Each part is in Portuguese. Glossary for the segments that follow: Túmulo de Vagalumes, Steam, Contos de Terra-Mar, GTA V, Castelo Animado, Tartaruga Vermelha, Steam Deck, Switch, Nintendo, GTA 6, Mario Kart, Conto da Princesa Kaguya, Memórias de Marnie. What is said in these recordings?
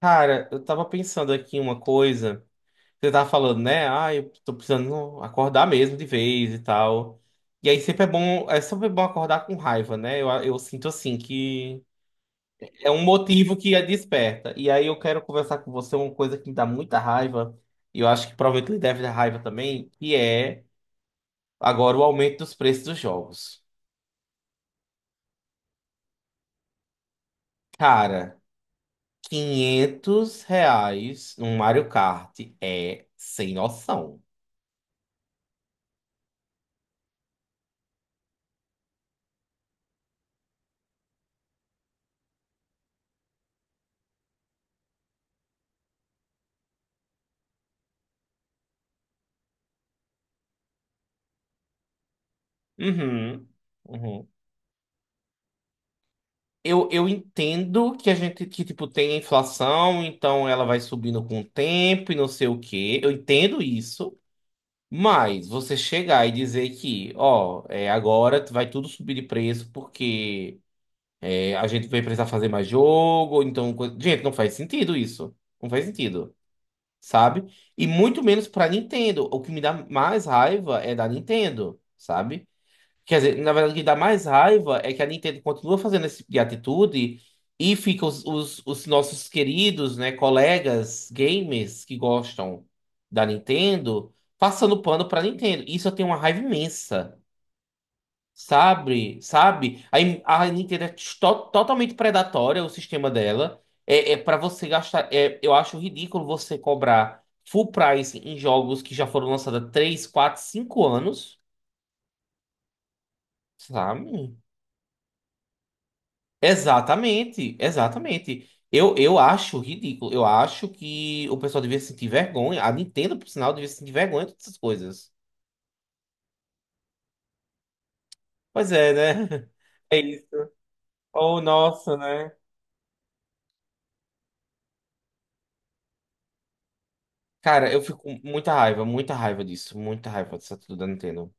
Cara, eu tava pensando aqui em uma coisa. Você tava falando, né? Ah, eu tô precisando acordar mesmo de vez e tal. E aí é sempre bom acordar com raiva, né? Eu sinto assim que é um motivo que a desperta. E aí eu quero conversar com você uma coisa que me dá muita raiva, e eu acho que provavelmente lhe deve dar raiva também, que é agora o aumento dos preços dos jogos. Cara, R$ 500 num Mario Kart é sem noção. Uhum. Uhum. Eu entendo que a gente, que, tipo, tem a inflação, então ela vai subindo com o tempo e não sei o quê. Eu entendo isso, mas você chegar e dizer que, ó, agora vai tudo subir de preço porque a gente vai precisar fazer mais jogo, então. Gente, não faz sentido isso. Não faz sentido, sabe? E muito menos pra Nintendo. O que me dá mais raiva é da Nintendo, sabe? Quer dizer, na verdade, o que dá mais raiva é que a Nintendo continua fazendo esse tipo de atitude e fica os nossos queridos, né, colegas gamers que gostam da Nintendo passando pano pra Nintendo. Isso eu tenho uma raiva imensa, sabe? Sabe? Aí a Nintendo é totalmente predatória, o sistema dela. É para você gastar. Eu acho ridículo você cobrar full price em jogos que já foram lançados há 3, 4, 5 anos, sabe? Exatamente, exatamente. Eu acho ridículo. Eu acho que o pessoal devia sentir vergonha. A Nintendo, por sinal, devia sentir vergonha de todas essas coisas. Pois é, né? É isso. Oh, nossa, né? Cara, eu fico com muita raiva disso. Muita raiva disso tudo da Nintendo.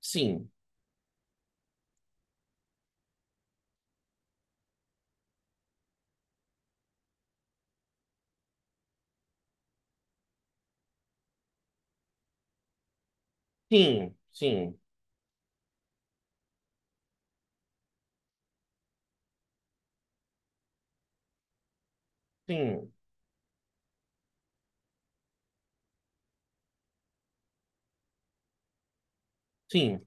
Sim, sim, sim, sim, sim.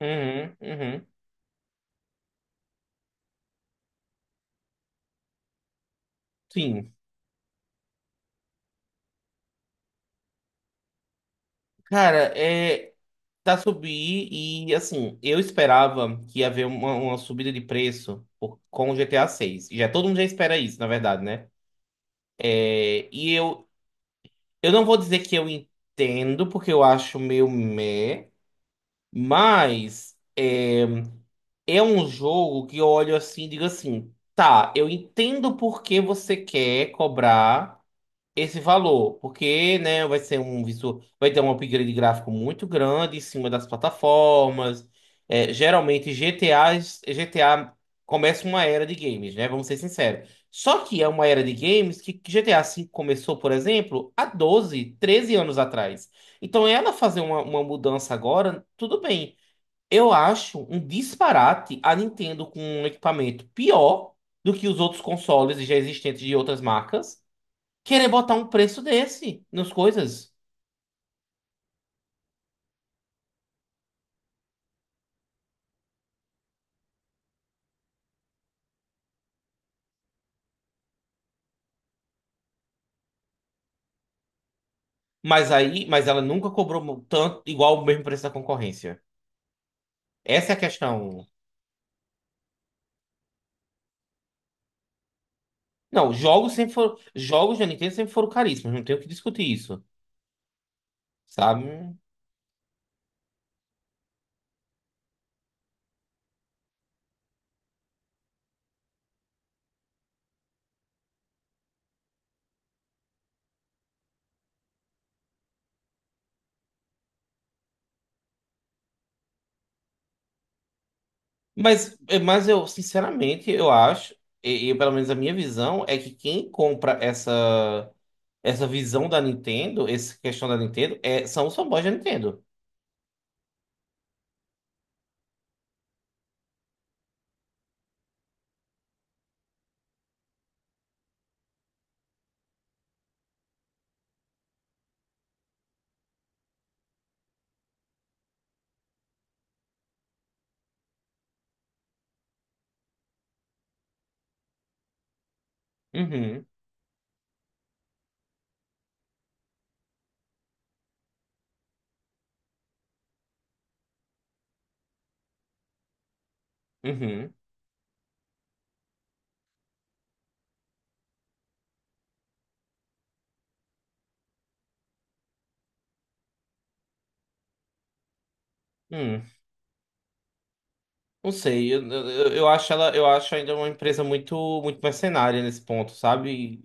Uhum, uhum, sim. Cara, é. Tá subir e assim, eu esperava que ia haver uma subida de preço com o GTA 6. Já todo mundo já espera isso, na verdade, né? É, e eu não vou dizer que eu entendo, porque eu acho meio meh, mas é um jogo que eu olho assim e digo assim, tá, eu entendo por que você quer cobrar esse valor, porque, né, vai ter um upgrade gráfico muito grande em cima das plataformas. É, geralmente GTA começa uma era de games, né? Vamos ser sinceros. Só que é uma era de games que GTA V começou, por exemplo, há 12 13 anos atrás. Então, ela fazer uma mudança agora, tudo bem. Eu acho um disparate a Nintendo com um equipamento pior do que os outros consoles já existentes de outras marcas querer botar um preço desse nas coisas. Mas ela nunca cobrou tanto igual o mesmo preço da concorrência. Essa é a questão. Não, jogos da Nintendo sempre foram caríssimos, não tenho o que discutir isso, sabe? Mas eu, sinceramente, eu acho, e pelo menos a minha visão é que quem compra essa essa questão da Nintendo, são os fanboys da Nintendo. Uhum, uhum, uhum. Não sei, eu acho ela, eu acho ainda uma empresa muito, muito mercenária nesse ponto, sabe?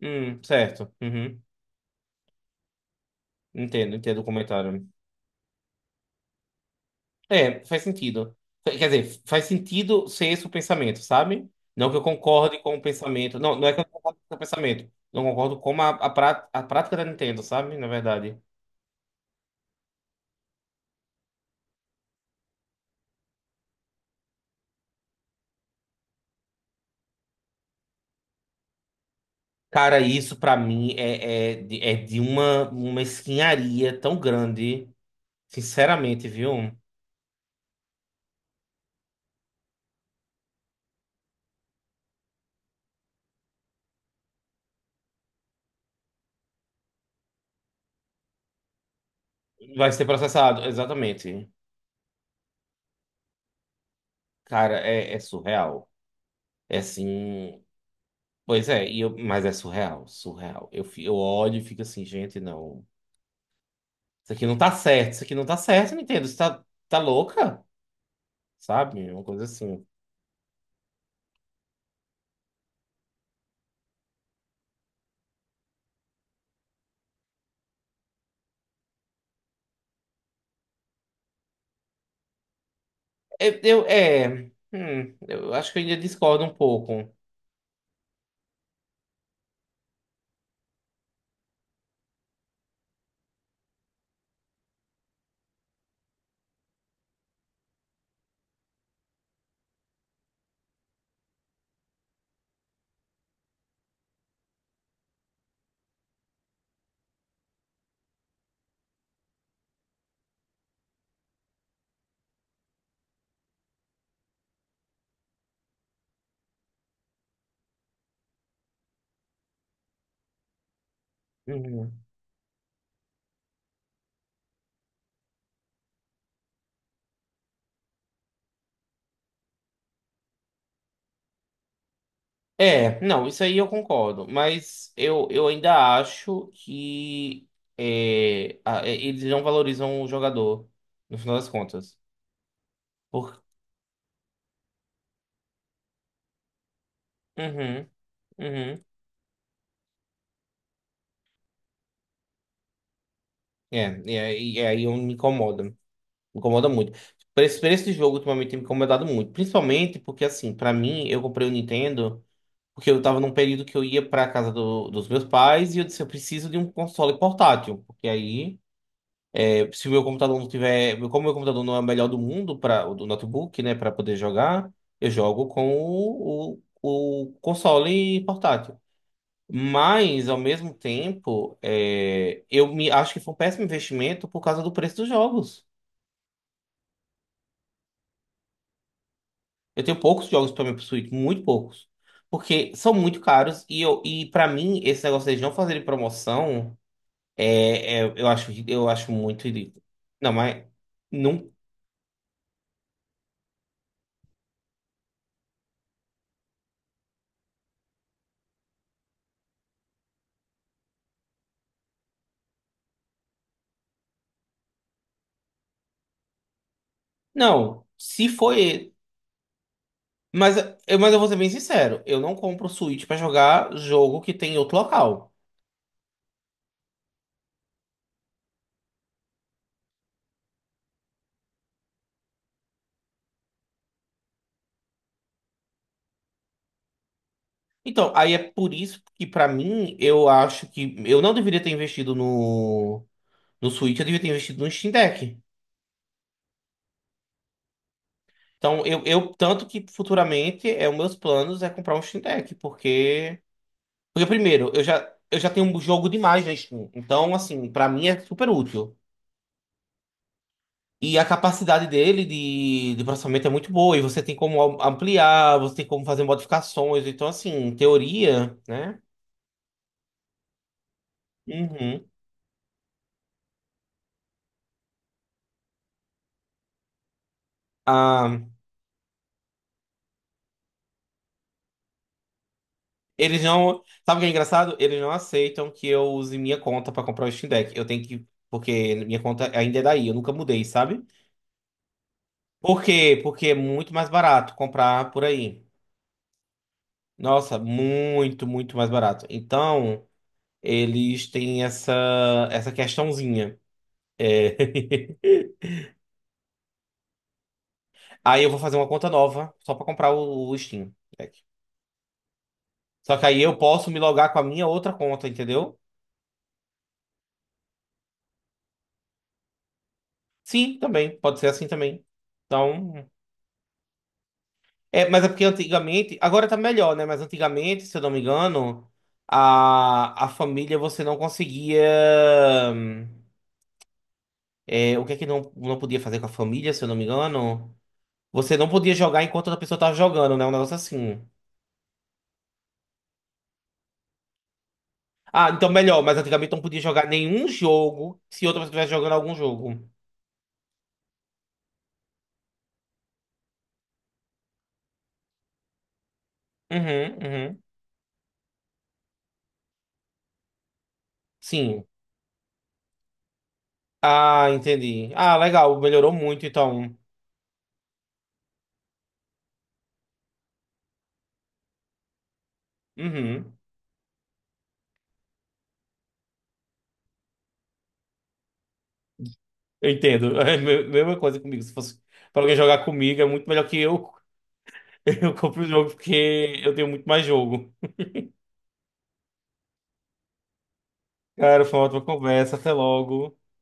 Certo. Uhum. Entendo, entendo o comentário. É, faz sentido. Quer dizer, faz sentido ser esse o pensamento, sabe? Não que eu concorde com o pensamento. Não, não é que eu concordo com o pensamento. Não concordo com a prática da Nintendo, sabe? Na verdade. Cara, isso pra mim é de uma mesquinharia tão grande. Sinceramente, viu? Vai ser processado, exatamente. Cara, é surreal. É assim. Pois é, mas é surreal, surreal. Eu olho e fico assim, gente, não. Isso aqui não tá certo, isso aqui não tá certo, Nintendo. Você tá louca? Sabe? Uma coisa assim. É. Eu acho que eu ainda discordo um pouco. Uhum. É, não, isso aí eu concordo. Mas eu ainda acho que eles não valorizam o jogador, no final das contas. Por, uhum, uhum. É, e aí eu me incomoda. Me incomoda muito. Por esse jogo, ultimamente, tem me incomodado muito. Principalmente porque, assim, pra mim, eu comprei o Nintendo porque eu tava num período que eu ia pra casa dos meus pais e eu disse, eu preciso de um console portátil. Porque aí, se o meu computador não tiver. Como o meu computador não é o melhor do mundo, o do notebook, né, pra poder jogar, eu jogo com o console portátil. Mas, ao mesmo tempo, eu me acho que foi um péssimo investimento por causa do preço dos jogos. Eu tenho poucos jogos para minha Switch, muito poucos. Porque são muito caros e, para mim, esse negócio deles não fazerem promoção, eu acho, eu acho muito ridículo. Não, mas. Não, não, se foi. Mas mas eu vou ser bem sincero, eu não compro Switch para jogar jogo que tem em outro local. Então, aí é por isso que, pra mim, eu acho que eu não deveria ter investido no Switch, eu deveria ter investido no Steam Deck. Então, eu tanto que futuramente é os meus planos é comprar um Steam Deck, porque, eu já tenho um jogo demais na Steam. Então, assim, pra mim é super útil. E a capacidade dele de processamento é muito boa, e você tem como ampliar, você tem como fazer modificações. Então, assim, em teoria, né? Uhum. Ah, eles não. Sabe o que é engraçado? Eles não aceitam que eu use minha conta pra comprar o Steam Deck. Eu tenho que. Porque minha conta ainda é daí, eu nunca mudei, sabe? Por quê? Porque é muito mais barato comprar por aí. Nossa, muito, muito mais barato. Então, eles têm essa, essa questãozinha. É. Aí eu vou fazer uma conta nova só pra comprar o Steam Deck. Só que aí eu posso me logar com a minha outra conta, entendeu? Sim, também. Pode ser assim também. Então. É, mas é porque antigamente, agora tá melhor, né? Mas antigamente, se eu não me engano, a família você não conseguia. O que é que não, não podia fazer com a família, se eu não me engano? Você não podia jogar enquanto outra pessoa tava jogando, né? Um negócio assim. Ah, então melhor, mas antigamente não podia jogar nenhum jogo se outra pessoa estivesse jogando algum jogo. Uhum, uhum. Sim. Ah, entendi. Ah, legal, melhorou muito, então. Uhum. Eu entendo. É a mesma coisa comigo. Se fosse pra alguém jogar comigo, é muito melhor que eu. Eu compro o jogo porque eu tenho muito mais jogo. Cara, foi uma ótima conversa. Até logo.